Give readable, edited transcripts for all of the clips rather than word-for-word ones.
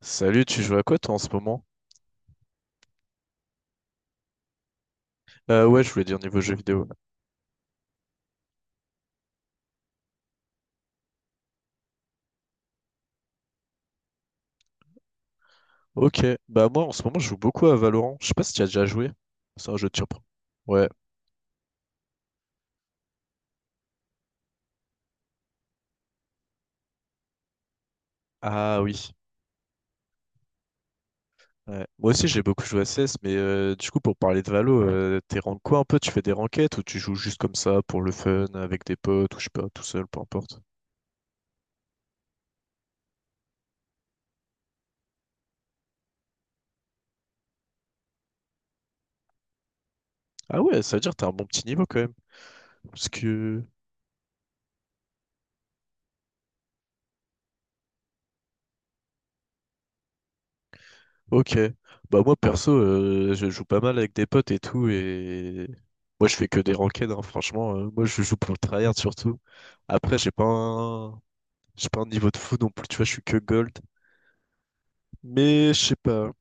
Salut, tu joues à quoi toi en ce moment? Ouais, je voulais dire niveau jeu vidéo. Ok, bah moi en ce moment je joue beaucoup à Valorant. Je sais pas si tu as déjà joué. C'est un jeu de surprise. Ouais. Ah oui. Ouais. Moi aussi j'ai beaucoup joué à CS, mais du coup pour parler de Valo, t'es rank quoi un peu? Tu fais des ranked ou tu joues juste comme ça pour le fun, avec des potes ou je sais pas, tout seul, peu importe. Ah ouais, ça veut dire que t'as un bon petit niveau quand même. Parce que ok. Bah moi perso, je joue pas mal avec des potes et tout et moi je fais que des ranked hein, franchement. Moi je joue pour le tryhard surtout. Après j'ai pas un niveau de fou non plus, tu vois, je suis que gold. Mais je sais pas.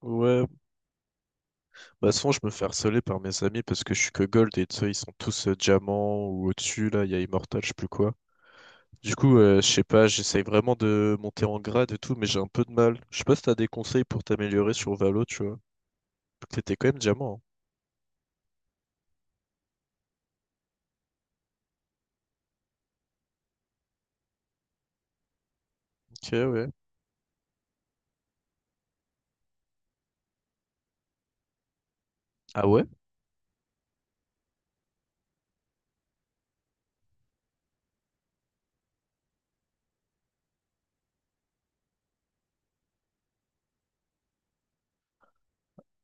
Ouais. Bah souvent je me fais harceler par mes amis parce que je suis que gold et tu sais, ils sont tous diamants ou au-dessus là, il y a immortal, je sais plus quoi. Du coup, je sais pas, j'essaye vraiment de monter en grade et tout, mais j'ai un peu de mal. Je sais pas si t'as des conseils pour t'améliorer sur Valo, tu vois. T'étais quand même diamant. Hein. Ok, ouais. Ah ouais?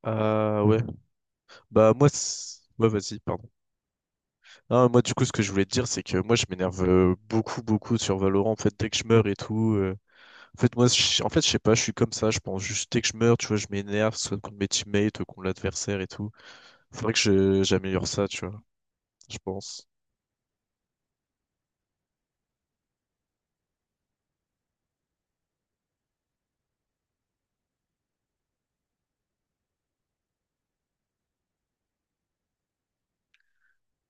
Ah ouais, bah moi, ouais vas-y, pardon. Ah, moi du coup ce que je voulais te dire c'est que moi je m'énerve beaucoup beaucoup sur Valorant en fait dès que je meurs et tout. En fait moi, en fait je sais pas, je suis comme ça, je pense juste dès que je meurs, tu vois, je m'énerve soit contre mes teammates, contre l'adversaire et tout. Faudrait que j'améliore ça, tu vois, je pense.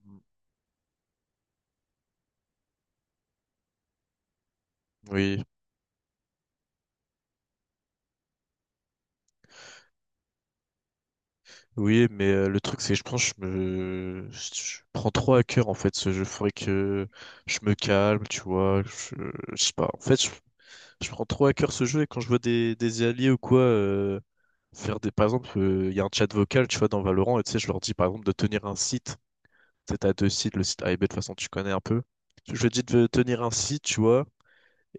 Mm. Oui, oui, mais le truc c'est que je pense je prends trop à cœur en fait ce jeu. Faudrait que je me calme, tu vois. Je sais pas. En fait, je prends trop à cœur ce jeu et quand je vois des alliés ou quoi faire des. Par exemple, il y a un chat vocal, tu vois, dans Valorant, et tu sais, je leur dis par exemple de tenir un site. Tu sais, t'as deux sites, le site A et B, de toute façon, tu connais un peu. Je lui dis de tenir un site, tu vois,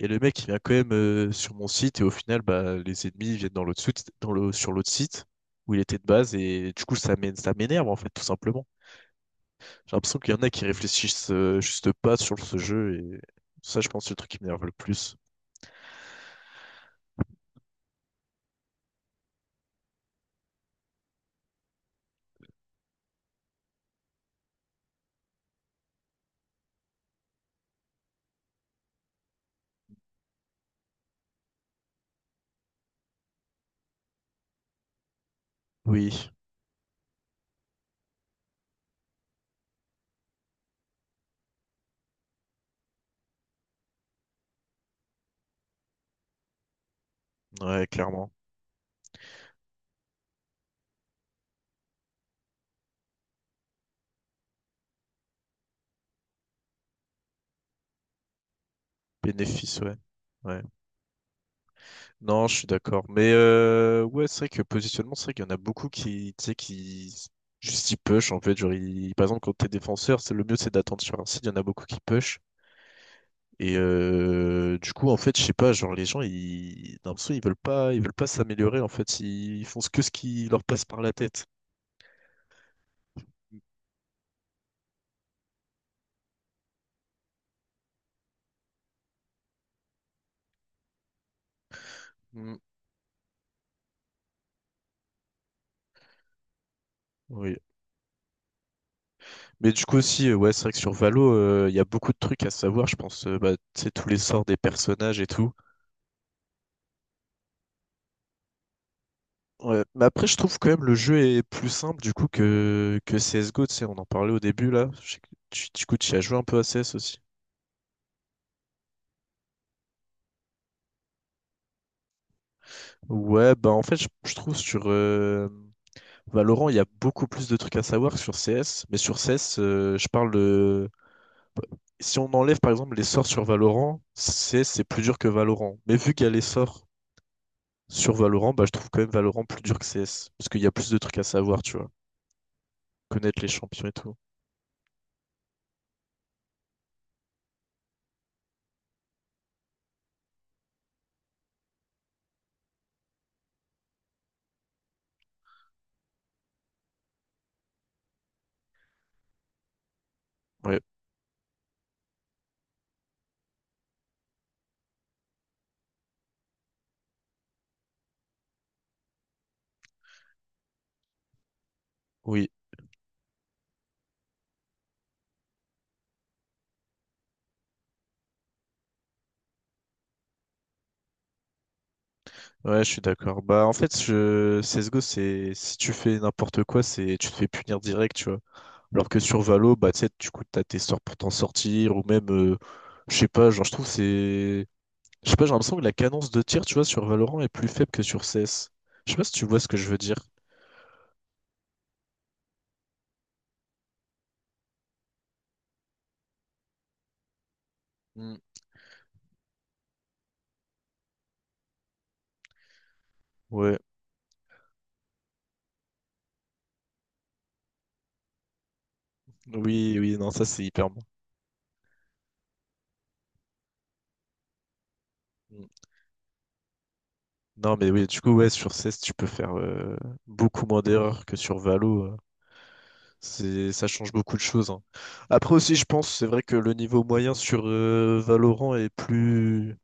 et le mec, il vient quand même sur mon site, et au final, bah, les ennemis viennent dans l'autre site, sur l'autre site où il était de base, et du coup, ça m'énerve, en fait, tout simplement. J'ai l'impression qu'il y en a qui réfléchissent juste pas sur ce jeu et ça, je pense, c'est le truc qui m'énerve le plus. Oui, ouais, clairement. Bénéfice, ouais. Ouais. Non, je suis d'accord. Mais ouais, c'est vrai que positionnement, c'est vrai qu'il y en a beaucoup qui, tu sais, juste ils push en fait. Genre, par exemple, quand t'es défenseur, c'est le mieux, c'est d'attendre sur un site. Il y en a beaucoup qui push. Et du coup, en fait, je sais pas, genre les gens, ils, d'un coup, ils veulent pas s'améliorer. En fait, ils font que ce qui leur passe par la tête. Mm. Oui. Mais du coup aussi, ouais, c'est vrai que sur Valo, il y a beaucoup de trucs à savoir. Je pense, bah, tu sais, tous les sorts des personnages et tout. Ouais, mais après, je trouve quand même le jeu est plus simple du coup que CSGO, tu sais, on en parlait au début là. Je sais que du coup, tu y as joué un peu à CS aussi. Ouais, bah en fait, je trouve sur Valorant, il y a beaucoup plus de trucs à savoir que sur CS. Mais sur CS, je parle de... Si on enlève par exemple les sorts sur Valorant, CS c'est plus dur que Valorant. Mais vu qu'il y a les sorts sur Valorant, bah je trouve quand même Valorant plus dur que CS. Parce qu'il y a plus de trucs à savoir, tu vois. Connaître les champions et tout. Ouais, oui. Ouais, je suis d'accord. Bah, en fait, je... CSGO, c'est si tu fais n'importe quoi, c'est tu te fais punir direct, tu vois. Alors que sur Valo, bah, tu sais, du coup, t'as tes sorts pour t'en sortir, ou même, je sais pas, genre, je trouve c'est. Je sais pas, j'ai l'impression que la cadence de tir, tu vois, sur Valorant est plus faible que sur CS. Je sais pas si tu vois ce que je veux dire. Hmm. Ouais, oui, oui, non, ça, c'est hyper bon. Mm. Non, mais oui, du coup, ouais, sur CS, tu peux faire beaucoup moins d'erreurs que sur Valo. C'est, ça change beaucoup de choses. Hein. Après aussi, je pense, c'est vrai que le niveau moyen sur Valorant est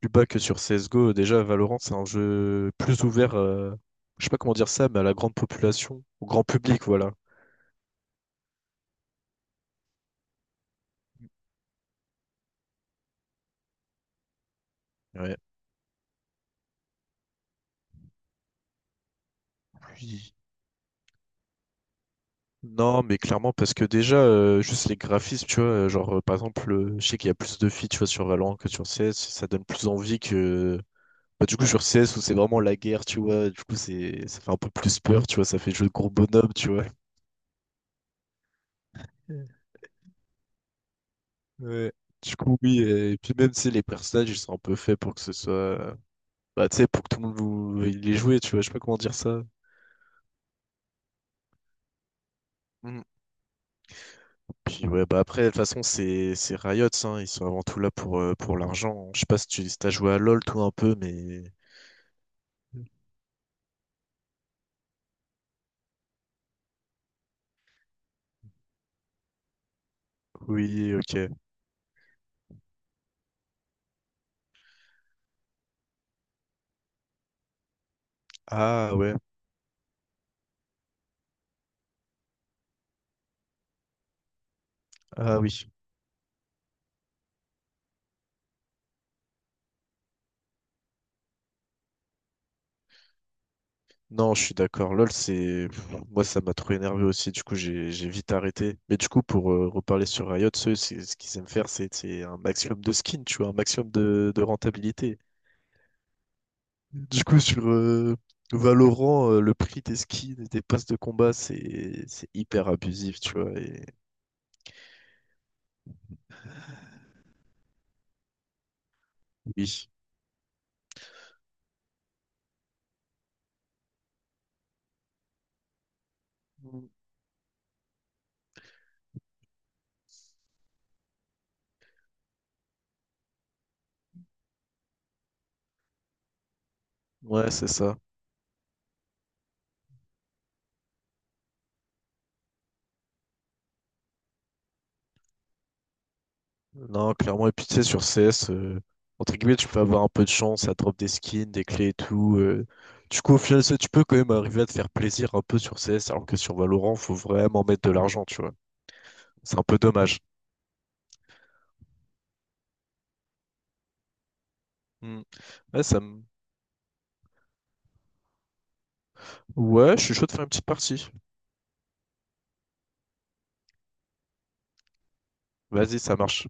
plus bas que sur CSGO. Déjà, Valorant, c'est un jeu plus ouvert, je sais pas comment dire ça, mais à la grande population, au grand public, voilà. Ouais. Oui. Non, mais clairement, parce que déjà, juste les graphismes, tu vois, genre, par exemple, je sais qu'il y a plus de filles, tu vois, sur Valorant que sur CS, ça donne plus envie que... Bah, du coup, sur CS, où c'est vraiment la guerre, tu vois, du coup, c'est, ça fait un peu plus peur, tu vois, ça fait jeu de gros bonhomme, tu vois. Ouais. Du coup, oui, et puis même, tu les personnages, ils sont un peu faits pour que ce soit... bah, tu sais, pour que tout le monde il les joue, tu vois, je sais pas comment dire ça. Mm. Puis ouais, bah après, de toute façon, c'est Riot, hein, ils sont avant tout là pour l'argent. Je sais pas si tu si t'as joué à LoL, toi, un peu, mais... Oui, ok. Ah ouais, ah oui. Non, je suis d'accord. LOL, c'est... Moi, ça m'a trop énervé aussi. Du coup, j'ai vite arrêté. Mais du coup, pour reparler sur Riot, ce qu'ils aiment faire, c'est un maximum de skins, tu vois, un maximum de rentabilité. Du coup, sur Valorant, le prix des skins et des passes de combat, c'est hyper abusif, tu vois. Et... Oui. Ouais, c'est ça. Non, clairement. Et puis, tu sais, sur CS, entre guillemets, tu peux avoir un peu de chance, ça drop des skins, des clés et tout. Du coup, au final, ça, tu peux quand même arriver à te faire plaisir un peu sur CS, alors que sur Valorant, faut vraiment mettre de l'argent, tu vois. C'est un peu dommage. Mm. Ouais, ouais, je suis chaud de faire une petite partie. Vas-y, ça marche.